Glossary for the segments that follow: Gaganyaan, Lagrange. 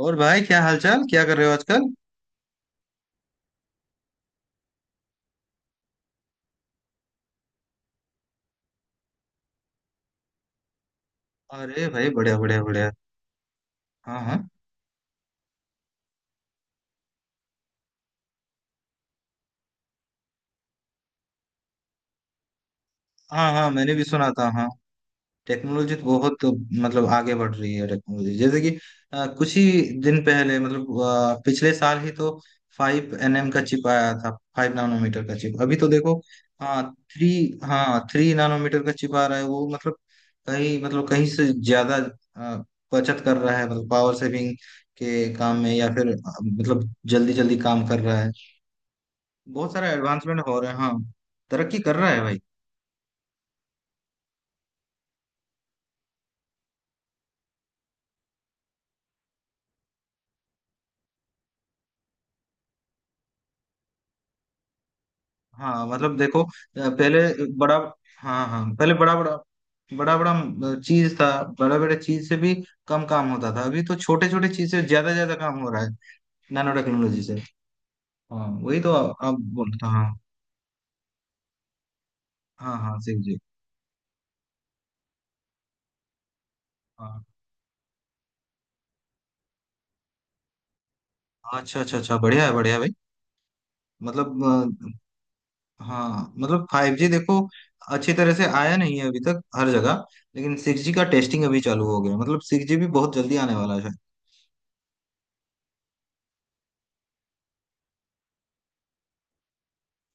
और भाई, क्या हालचाल, क्या कर रहे हो आजकल? अरे भाई, बढ़िया बढ़िया बढ़िया। हाँ हाँ। हाँ हाँ, मैंने भी सुना था, हाँ। टेक्नोलॉजी तो बहुत, मतलब आगे बढ़ रही है टेक्नोलॉजी, जैसे कि कुछ ही दिन पहले, मतलब पिछले साल ही तो 5 nm का चिप आया था। 5 नानोमीटर का चिप, अभी तो देखो। हाँ, 3। हाँ, 3 नानोमीटर का चिप आ रहा है, वो मतलब कहीं, मतलब कहीं से ज्यादा अ, बचत कर रहा है, मतलब पावर सेविंग के काम में, या फिर मतलब जल्दी जल्दी काम कर रहा है। बहुत सारा एडवांसमेंट हो रहा है, हाँ। तरक्की कर रहा है भाई। हाँ मतलब देखो पहले बड़ा, हाँ हाँ, पहले बड़ा बड़ा चीज था। बड़ा बड़ा चीज से भी कम काम होता था, अभी तो छोटे छोटे चीज से ज्यादा ज्यादा काम हो रहा है, नैनो टेक्नोलॉजी से। हाँ वही तो आप बोलते, हाँ। हाँ हाँ सही जी। हाँ। अच्छा अच्छा अच्छा, बढ़िया है, बढ़िया है भाई। मतलब हाँ, मतलब 5G देखो, अच्छी तरह से आया नहीं है अभी तक हर जगह। लेकिन 6G का टेस्टिंग अभी चालू हो गया, मतलब 6G भी बहुत जल्दी आने वाला है।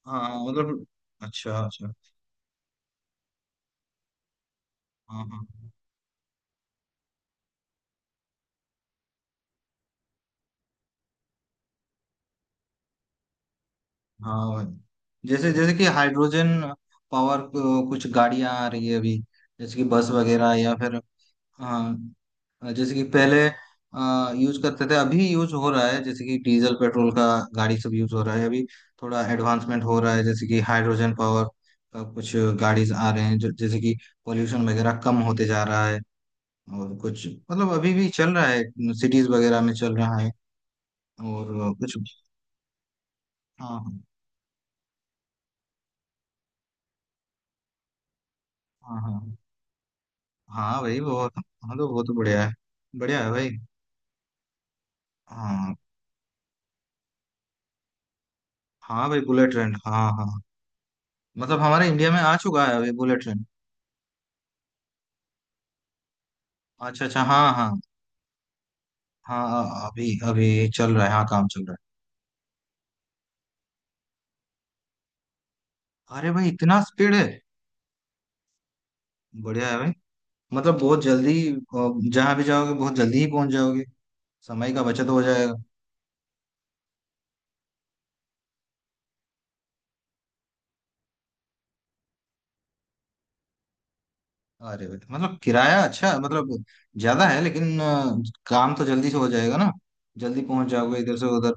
हाँ मतलब, अच्छा अच्छा। हाँ हाँ। हाँ हाँ, भाई जैसे जैसे कि हाइड्रोजन कुछ गाड़ियां आ रही है अभी, जैसे कि बस वगैरह, या फिर हाँ जैसे कि पहले यूज करते थे, अभी यूज हो रहा है, जैसे कि डीजल पेट्रोल का गाड़ी सब यूज हो रहा है अभी। थोड़ा एडवांसमेंट हो रहा है, जैसे कि हाइड्रोजन पावर का कुछ गाड़ी आ रहे हैं, जो जैसे कि पोल्यूशन वगैरह कम होते जा रहा है। और कुछ मतलब अभी भी चल रहा है, सिटीज वगैरह में चल रहा है, और कुछ हाँ हाँ हाँ हाँ। हाँ भाई बहुत, हाँ तो बहुत बढ़िया है। बढ़िया है भाई। हाँ हाँ भाई बुलेट ट्रेन, हाँ हाँ, मतलब हमारे इंडिया में आ चुका है अभी बुलेट ट्रेन। अच्छा अच्छा, हाँ हाँ, हाँ अभी अभी चल रहा है, हाँ काम चल रहा है। अरे भाई, इतना स्पीड है! बढ़िया है भाई। मतलब बहुत जल्दी जहाँ भी जाओगे बहुत जल्दी ही पहुंच जाओगे, समय का बचत हो जाएगा। अरे भाई, मतलब किराया अच्छा, मतलब ज्यादा है, लेकिन काम तो जल्दी से हो जाएगा ना, जल्दी पहुंच जाओगे इधर से उधर।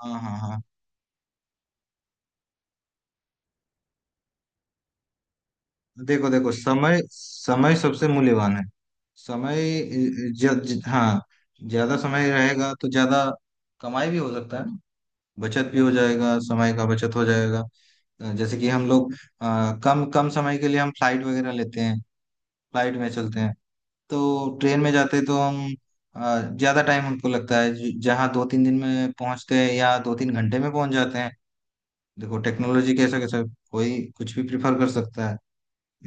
हाँ हाँ हाँ। देखो देखो, समय समय सबसे मूल्यवान है। समय, ज, ज, हाँ, ज्यादा समय रहेगा तो ज्यादा कमाई भी हो सकता है, बचत भी हो जाएगा, समय का बचत हो जाएगा। जैसे कि हम लोग कम कम समय के लिए हम फ्लाइट वगैरह लेते हैं, फ्लाइट में चलते हैं। तो ट्रेन में जाते हैं तो हम ज्यादा टाइम हमको लगता है, जहाँ दो तीन दिन में पहुंचते हैं या दो तीन घंटे में पहुंच जाते हैं। देखो टेक्नोलॉजी कैसा कैसा, कोई कुछ भी प्रिफर कर सकता है,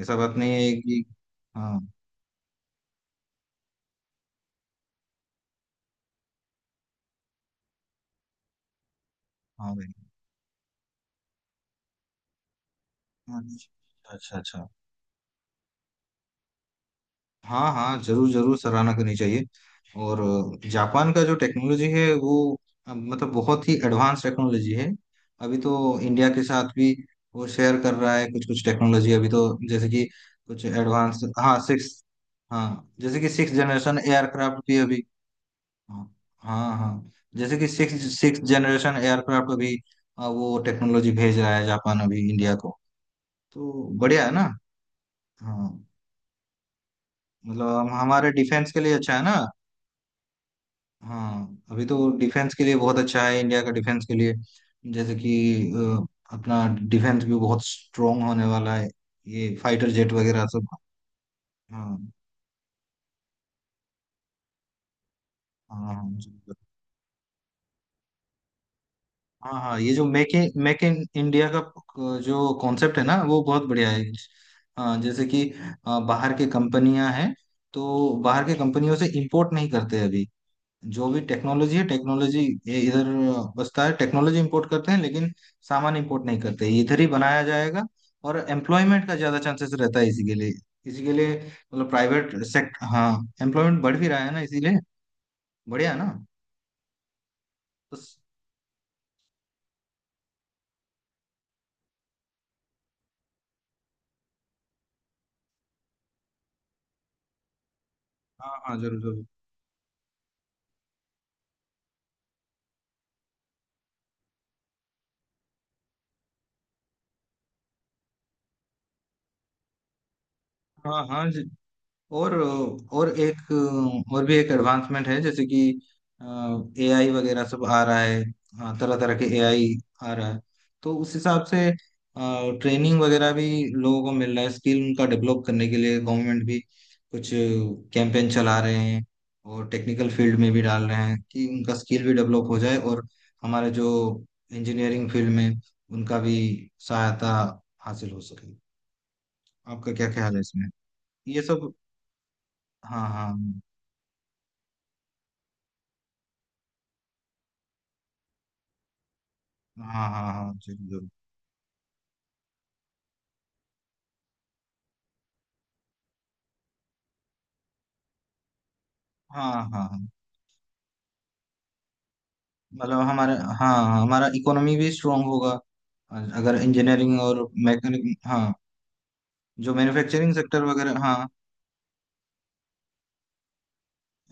ऐसा बात नहीं है कि। हाँ हाँ भाई। अच्छा अच्छा अच्छा। हाँ हाँ जरूर जरूर, सराहना करनी चाहिए। और जापान का जो टेक्नोलॉजी है, वो मतलब बहुत ही एडवांस टेक्नोलॉजी है। अभी तो इंडिया के साथ भी वो शेयर कर रहा है कुछ कुछ टेक्नोलॉजी अभी तो। जैसे कि कुछ एडवांस, हाँ सिक्स, हाँ, जैसे कि सिक्स जनरेशन एयरक्राफ्ट भी अभी, हाँ हाँ हाँ, जैसे कि सिक्स सिक्स जनरेशन एयरक्राफ्ट अभी वो टेक्नोलॉजी भेज रहा है जापान, अभी इंडिया को। तो बढ़िया है ना। हाँ, मतलब हम हमारे डिफेंस के लिए अच्छा है ना। हाँ, अभी तो डिफेंस के लिए बहुत अच्छा है, इंडिया का डिफेंस के लिए। जैसे कि अपना डिफेंस भी बहुत स्ट्रोंग होने वाला है, ये फाइटर जेट वगैरह सब। हाँ हाँ हाँ जी। हाँ हाँ, ये जो मेक इन इंडिया का जो कॉन्सेप्ट है ना, वो बहुत बढ़िया है। हाँ, जैसे कि बाहर के कंपनियां हैं, तो बाहर के कंपनियों से इंपोर्ट नहीं करते अभी। जो भी टेक्नोलॉजी है, टेक्नोलॉजी ये इधर बसता है, टेक्नोलॉजी इंपोर्ट करते हैं लेकिन सामान इंपोर्ट नहीं करते, ये इधर ही बनाया जाएगा। और एम्प्लॉयमेंट का ज्यादा चांसेस रहता है इसी के लिए, इसी के लिए मतलब प्राइवेट सेक्टर, हाँ एम्प्लॉयमेंट बढ़ भी रहा है ना इसीलिए। बढ़िया ना। तो स- हाँ हाँ जरूर जरूर, हाँ हाँ। और और एक और भी एक एडवांसमेंट है, जैसे कि एआई वगैरह सब आ रहा है, तरह तरह के एआई आ रहा है। तो उस हिसाब से ट्रेनिंग वगैरह भी लोगों को मिल रहा है, स्किल उनका डेवलप करने के लिए गवर्नमेंट भी कुछ कैंपेन चला रहे हैं। और टेक्निकल फील्ड में भी डाल रहे हैं कि उनका स्किल भी डेवलप हो जाए, और हमारे जो इंजीनियरिंग फील्ड में उनका भी सहायता हासिल हो सके। आपका क्या ख्याल है इसमें, ये सब? हाँ हाँ हाँ हाँ, हाँ जरूर जरूर। हाँ हाँ हाँ, मतलब हमारा, हाँ हाँ, हमारा इकोनॉमी भी स्ट्रांग होगा, अगर इंजीनियरिंग और मैकेनिक, हाँ, जो मैन्युफैक्चरिंग सेक्टर वगैरह, हाँ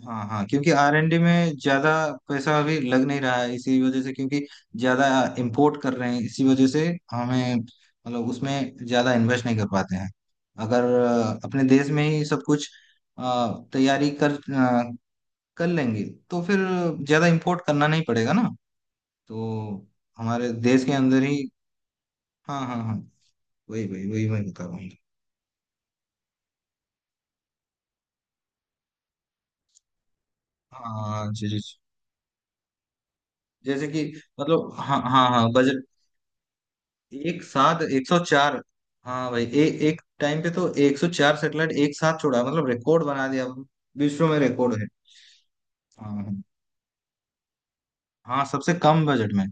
हाँ हाँ। क्योंकि R&D में ज्यादा पैसा अभी लग नहीं रहा है इसी वजह से, क्योंकि ज्यादा इंपोर्ट कर रहे हैं इसी वजह से, हमें मतलब उसमें ज्यादा इन्वेस्ट नहीं कर पाते हैं। अगर अपने देश में ही सब कुछ अ, तैयारी कर लेंगे, तो फिर ज्यादा इंपोर्ट करना नहीं पड़ेगा ना, तो हमारे देश के अंदर ही। हाँ हाँ हाँ, वही वही वही मैं बता रहा हूँ। हाँ जी जी जी। जैसे कि मतलब, हाँ हाँ हाँ बजट, एक साथ 104, हाँ भाई, एक टाइम पे तो 104 सेटेलाइट एक साथ छोड़ा, मतलब रिकॉर्ड बना दिया, विश्व में रिकॉर्ड है। हाँ हाँ, हाँ सबसे कम बजट में,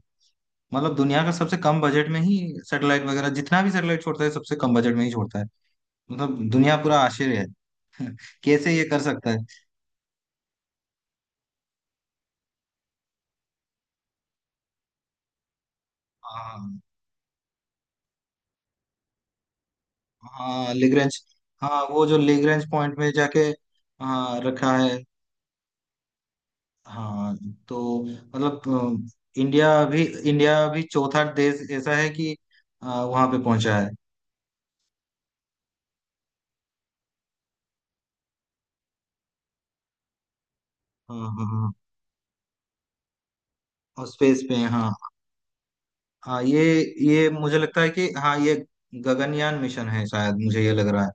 मतलब दुनिया का सबसे कम बजट में ही सैटेलाइट वगैरह, जितना भी सैटेलाइट छोड़ता है सबसे कम बजट में ही छोड़ता है। मतलब दुनिया पूरा आश्चर्य है कैसे ये कर सकता है। हाँ हाँ, हाँ। हाँ लिग्रेंज, हाँ वो जो लिग्रेंज पॉइंट में जाके हाँ रखा है। हाँ, तो मतलब अ, इंडिया भी इंडिया भी चौथा देश ऐसा है कि वहां पे पहुंचा है। हाँ हाँ हाँ। और स्पेस पे, हाँ हाँ ये मुझे लगता है कि हाँ, ये गगनयान मिशन है शायद, मुझे ये लग रहा है।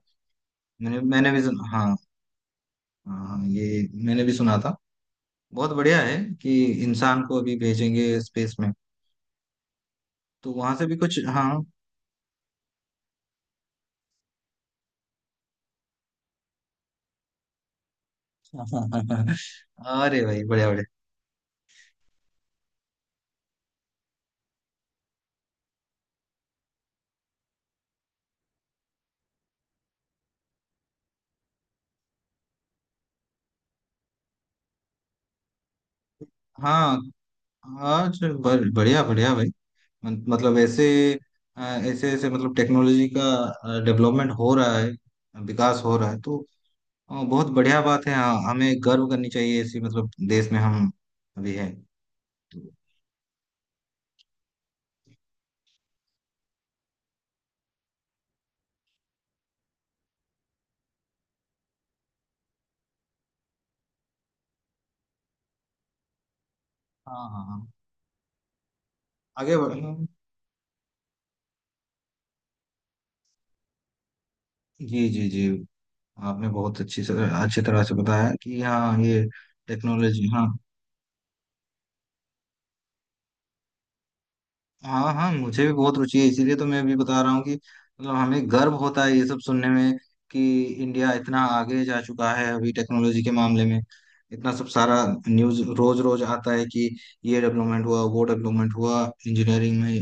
मैंने मैंने भी सुन हाँ, हाँ ये मैंने भी सुना था। बहुत बढ़िया है कि इंसान को अभी भेजेंगे स्पेस में, तो वहां से भी कुछ, हाँ हाँ। अरे भाई बढ़िया बढ़िया, हाँ। आज बढ़िया बढ़िया भाई, मतलब ऐसे ऐसे ऐसे मतलब टेक्नोलॉजी का डेवलपमेंट हो रहा है, विकास हो रहा है। तो बहुत बढ़िया बात है, हाँ हमें गर्व करनी चाहिए ऐसी, मतलब देश में हम अभी हैं। तो हाँ हाँ हाँ, आगे बढ़, जी जी जी। आपने बहुत अच्छी तरह से बताया कि हाँ ये टेक्नोलॉजी, हाँ। हाँ हाँ मुझे भी बहुत रुचि है, इसीलिए तो मैं भी बता रहा हूँ कि मतलब हमें गर्व होता है ये सब सुनने में, कि इंडिया इतना आगे जा चुका है अभी टेक्नोलॉजी के मामले में। इतना सब सारा न्यूज़ रोज रोज आता है कि ये डेवलपमेंट हुआ, वो डेवलपमेंट हुआ, इंजीनियरिंग में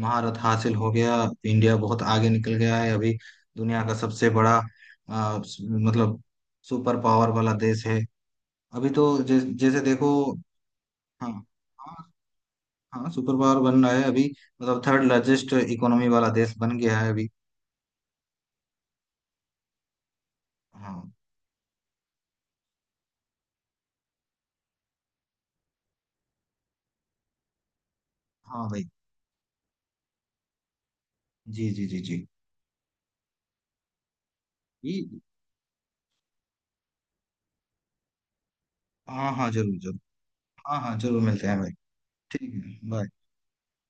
महारत हासिल हो गया। इंडिया बहुत आगे निकल गया है अभी, दुनिया का सबसे बड़ा मतलब सुपर पावर वाला देश है अभी। तो जैसे देखो, हाँ हाँ, हाँ सुपर पावर बन रहा है अभी, मतलब थर्ड लार्जेस्ट इकोनॉमी वाला देश बन गया है अभी। हाँ हाँ भाई, जी जी जी जी। ये- हाँ हाँ जरूर जरूर, हाँ हाँ जरूर मिलते हैं भाई। ठीक है bye।